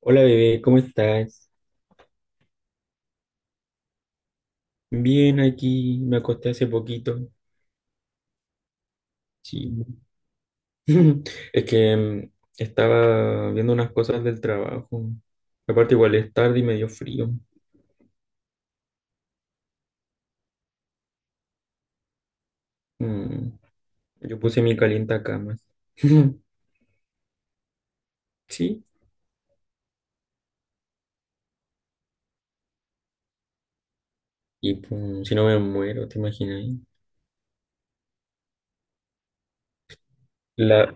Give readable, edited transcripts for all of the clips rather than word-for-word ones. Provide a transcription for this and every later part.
Hola bebé, ¿cómo estás? Bien, aquí me acosté hace poquito. Sí. Es que estaba viendo unas cosas del trabajo. Aparte igual es tarde y me dio frío. Mm, Yo puse mi camas. Sí. Y pum, si no me muero, ¿te imaginas? La...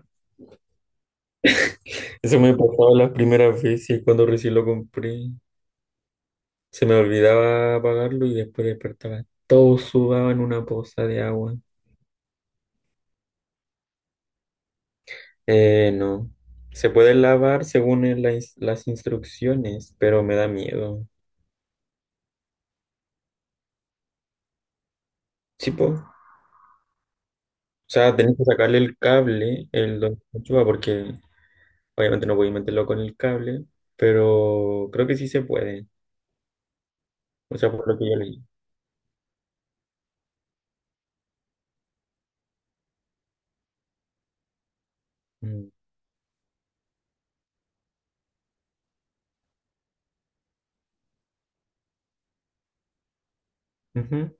Eso me pasaba las primeras veces cuando recién lo compré. Se me olvidaba apagarlo y después despertaba todo sudado en una poza de agua. No. Se puede lavar según las instrucciones, pero me da miedo. Sí, po. O sea, tenés que sacarle el cable, el donde se enchufa, porque obviamente no voy a meterlo con el cable, pero creo que sí se puede. O sea, por lo que yo leí. Mm. Ujú.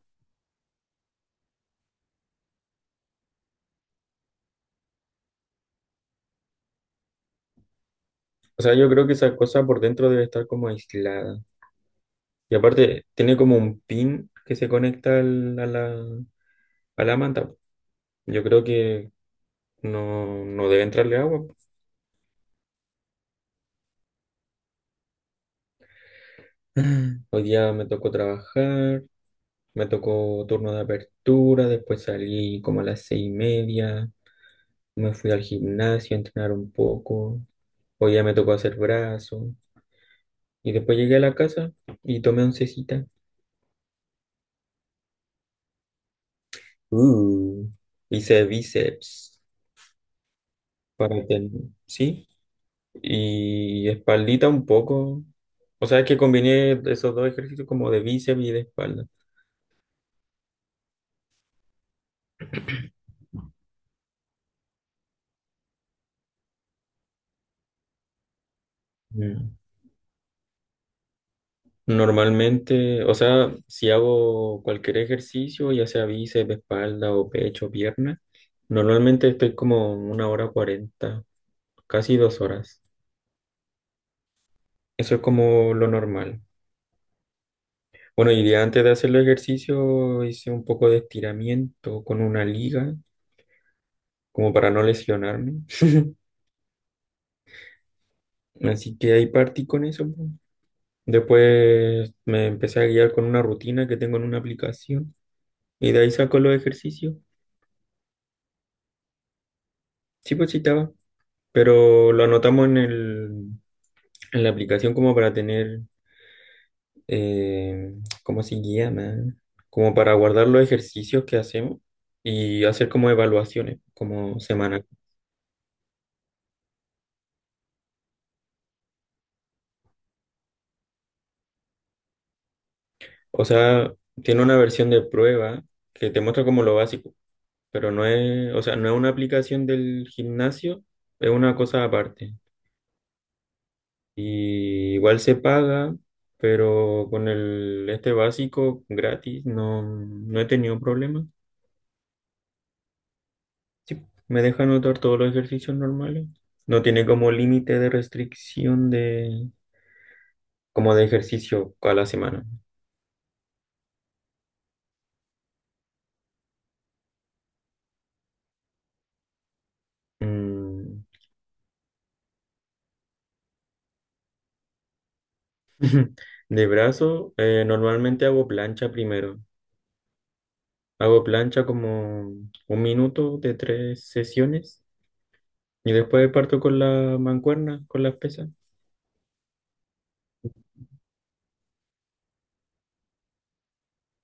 O sea, yo creo que esa cosa por dentro debe estar como aislada. Y aparte, tiene como un pin que se conecta a la manta. Yo creo que no, no debe entrarle agua. Hoy día me tocó trabajar, me tocó turno de apertura, después salí como a las 6:30, me fui al gimnasio a entrenar un poco, hoy día me tocó hacer brazo, y después llegué a la casa y tomé oncecita. Uh, hice bíceps para tener, ¿sí? Y espaldita un poco. O sea, es que combiné esos dos ejercicios como de bíceps y de espalda. Mm. Normalmente, o sea, si hago cualquier ejercicio, ya sea bíceps, espalda o pecho, pierna, normalmente estoy como 1 hora 40, casi 2 horas. Eso es como lo normal. Bueno, y de antes de hacer el ejercicio hice un poco de estiramiento con una liga, como para no lesionarme. Así que ahí partí con eso. Po. Después me empecé a guiar con una rutina que tengo en una aplicación y de ahí saco los ejercicios. Sí, pues sí, estaba. Pero lo anotamos en la aplicación como para tener, eh, ¿cómo se llama? Como para guardar los ejercicios que hacemos y hacer como evaluaciones, como semanal. O sea, tiene una versión de prueba que te muestra como lo básico, pero no es, o sea, no es una aplicación del gimnasio, es una cosa aparte. Y igual se paga, pero con el este básico gratis no, no he tenido problemas. Sí, me deja anotar todos los ejercicios normales. No tiene como límite de restricción de como de ejercicio a la semana. Mm, De brazo, normalmente hago plancha primero. Hago plancha como un minuto de tres sesiones y después parto con la mancuerna, con las pesas.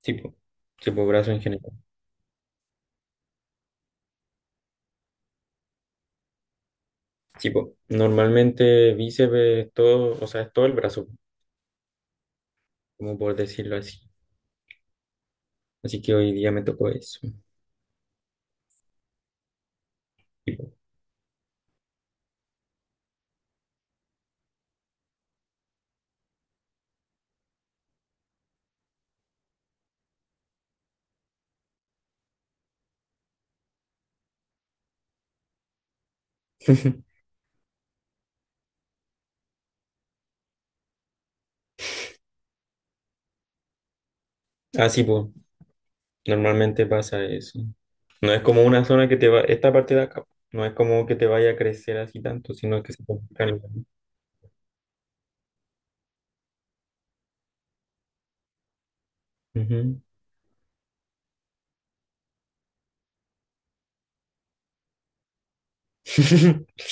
Sí, po. Sí, brazo en general. Sí, normalmente bíceps, es todo, o sea, es todo el brazo, como por decirlo así. Así que hoy día me tocó eso. Sí, Ah, sí, pues, normalmente pasa eso. No es como una zona que te va, esta parte de acá, no es como que te vaya a crecer así tanto, sino que se te va a Ujú.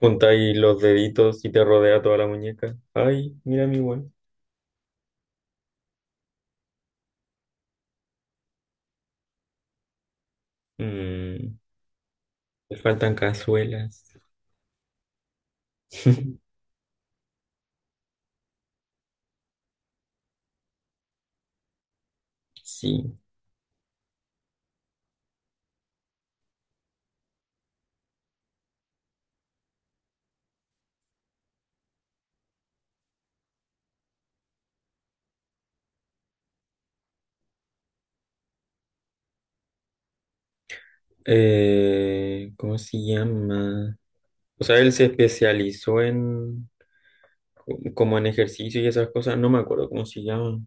Juntáis los deditos y te rodea toda la muñeca. Ay, mira mi buen. Mm, le faltan cazuelas. Sí. ¿Cómo se llama? O sea, él se especializó en como en ejercicio y esas cosas. No me acuerdo cómo se llama.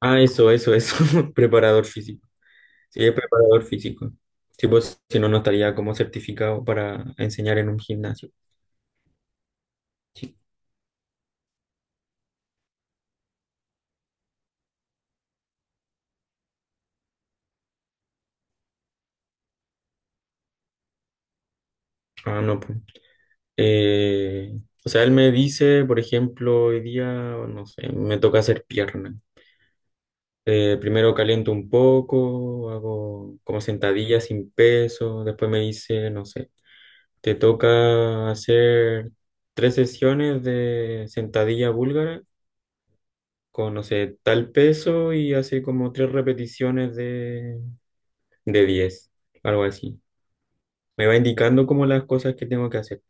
Ah, eso, eso, eso. Preparador físico. Sí, es preparador físico. Sí, pues, si no, no estaría como certificado para enseñar en un gimnasio. Sí. Ah, no, pues. Eh, o sea, él me dice, por ejemplo, hoy día, no sé, me toca hacer pierna. Primero caliento un poco, hago como sentadillas sin peso. Después me dice, no sé, te toca hacer tres sesiones de sentadilla búlgara con, no sé, tal peso y hace como tres repeticiones de 10 algo así. Me va indicando como las cosas que tengo que hacer.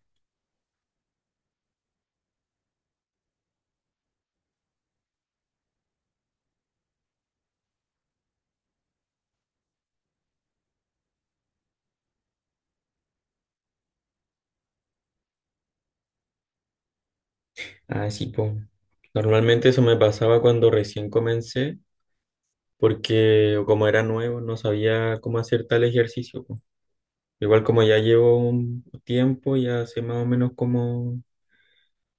Así pues. Normalmente eso me pasaba cuando recién comencé, porque como era nuevo, no sabía cómo hacer tal ejercicio. Po. Igual como ya llevo un tiempo, ya sé más o menos cómo,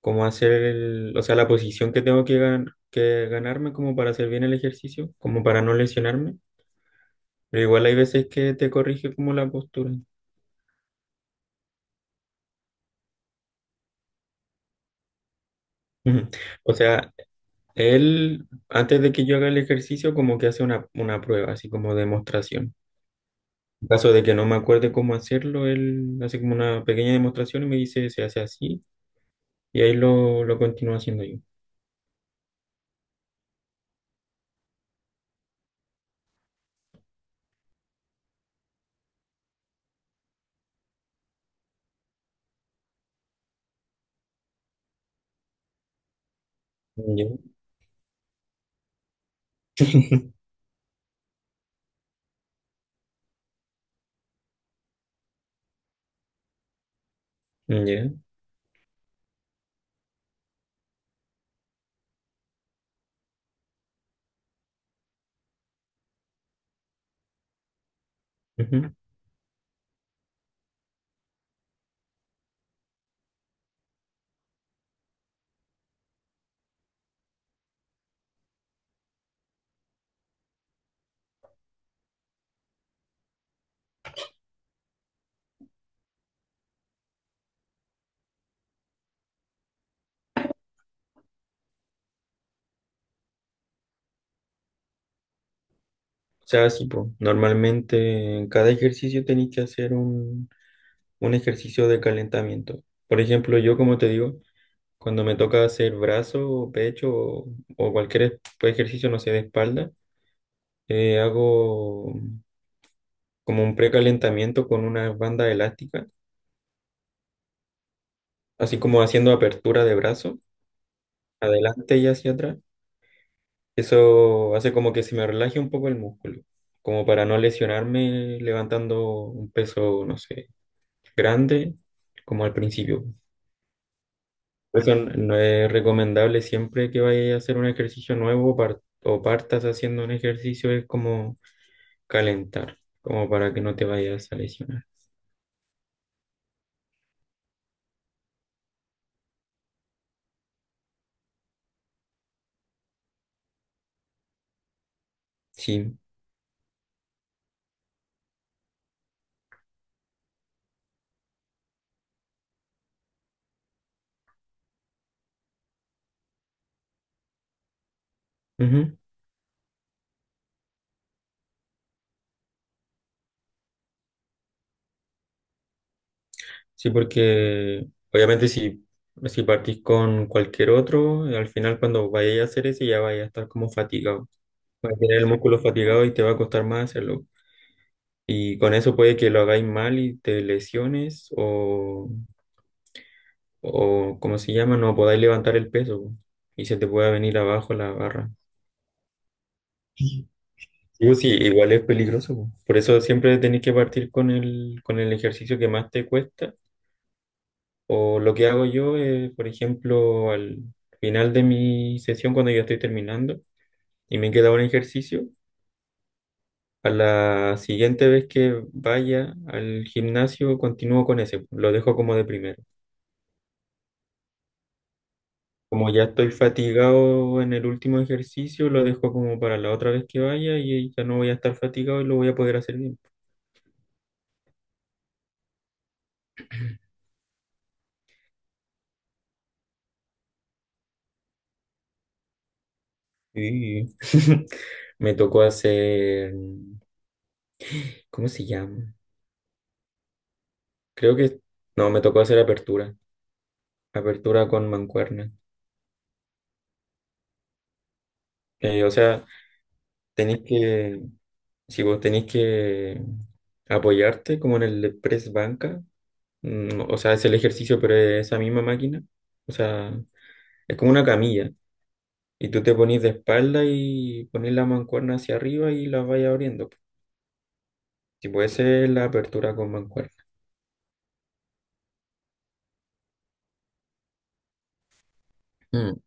cómo hacer el, o sea, la posición que tengo que ganarme como para hacer bien el ejercicio, como para no lesionarme. Pero igual hay veces que te corrige como la postura. O sea, él, antes de que yo haga el ejercicio, como que hace una prueba, así como demostración. En caso de que no me acuerde cómo hacerlo, él hace como una pequeña demostración y me dice, se hace así, y ahí lo continúo haciendo yo. Ya. Ya, ujú. O sea, sí, po. Normalmente en cada ejercicio tenéis que hacer un ejercicio de calentamiento. Por ejemplo, yo, como te digo, cuando me toca hacer brazo, o pecho o cualquier pues, ejercicio, no sé, de espalda, hago. Como un precalentamiento con una banda elástica, así como haciendo apertura de brazo, adelante y hacia atrás. Eso hace como que se me relaje un poco el músculo, como para no lesionarme levantando un peso, no sé, grande, como al principio. Por eso no es recomendable siempre que vayas a hacer un ejercicio nuevo o partas haciendo un ejercicio, es como calentar, como para que no te vayas a lesionar. Sí. Ujú. Sí, porque obviamente si partís con cualquier otro, al final cuando vayas a hacer ese ya vayas a estar como fatigado. Vas a tener el músculo fatigado y te va a costar más hacerlo. Y con eso puede que lo hagáis mal y te lesiones o ¿cómo se llama? No podáis levantar el peso po, y se te pueda venir abajo la barra. Sí, pues sí, igual es peligroso. Po. Por eso siempre tenéis que partir con el ejercicio que más te cuesta. O lo que hago yo es, por ejemplo, al final de mi sesión, cuando ya estoy terminando y me queda un ejercicio, a la siguiente vez que vaya al gimnasio, continúo con ese, lo dejo como de primero. Como ya estoy fatigado en el último ejercicio, lo dejo como para la otra vez que vaya y ya no voy a estar fatigado y lo voy a poder hacer bien. Y me tocó hacer, ¿cómo se llama? Creo que, no, me tocó hacer apertura, apertura con mancuernas. O sea, tenéis que, si vos tenéis que apoyarte como en el press banca, o sea, es el ejercicio, pero es esa misma máquina, o sea, es como una camilla, y tú te ponís de espalda y ponés la mancuerna hacia arriba y la vais abriendo. Si puede ser la apertura con mancuerna. Mm.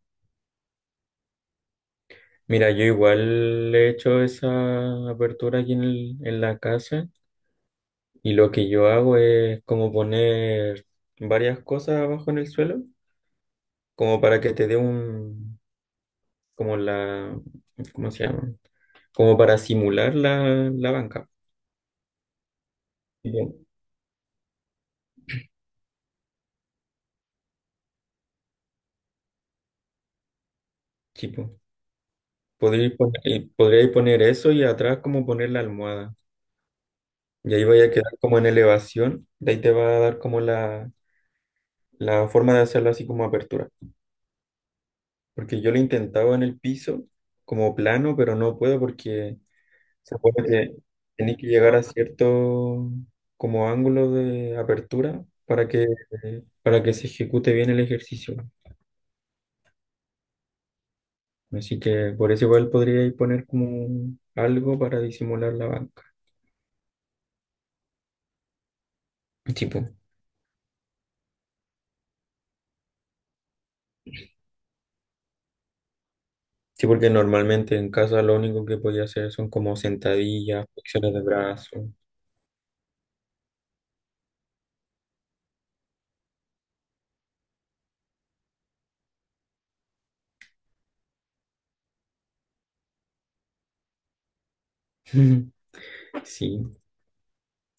Mira, yo igual he hecho esa apertura aquí en en la casa, y lo que yo hago es como poner varias cosas abajo en el suelo. Como para que te dé un, como la, ¿cómo se llama? Como para simular la banca. Y yo, sí, po. Podríais poner eso y atrás como poner la almohada. Y ahí vaya a quedar como en elevación. De ahí te va a dar como la forma de hacerlo así como apertura. Porque yo lo intentaba en el piso como plano, pero no puedo porque se supone que tenéis que llegar a cierto como ángulo de apertura para que se ejecute bien el ejercicio. Así que por eso igual podría ir poner como algo para disimular la banca. Sí, po. Sí, porque normalmente en casa lo único que podía hacer son como sentadillas, flexiones de brazo. Sí,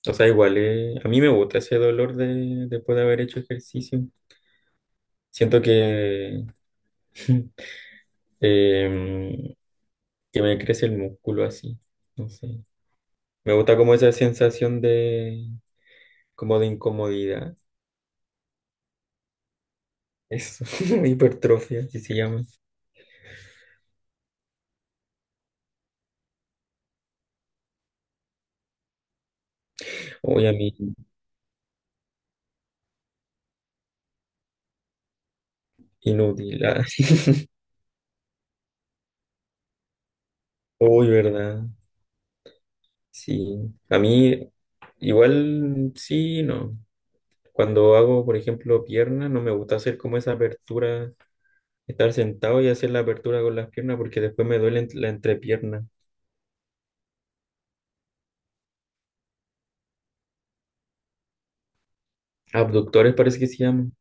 o sea, igual a mí me gusta ese dolor de, después de haber hecho ejercicio. Siento que, em, que me crece el músculo así, no sé. Me gusta como esa sensación de, como de incomodidad. Eso, hipertrofia, así se llama. Oye, a mí, Inútil. Ah. Uy, ¿verdad? Sí. A mí igual sí, no. Cuando hago, por ejemplo, piernas, no me gusta hacer como esa apertura, estar sentado y hacer la apertura con las piernas porque después me duele la entrepierna. Abductores parece que se llaman.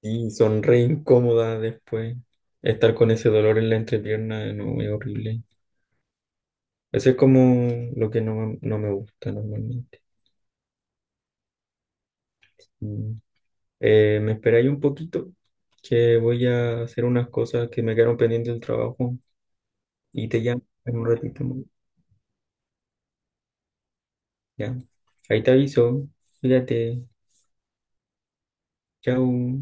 Y son re incómodas después. Estar con ese dolor en la entrepierna, no, es horrible. Eso es como lo que no, no me gusta normalmente. Mm. Me esperé ahí un poquito, que voy a hacer unas cosas que me quedaron pendientes del trabajo y te llamo en un ratito. Más. Ya. Ahí te aviso. Cuídate. Chao.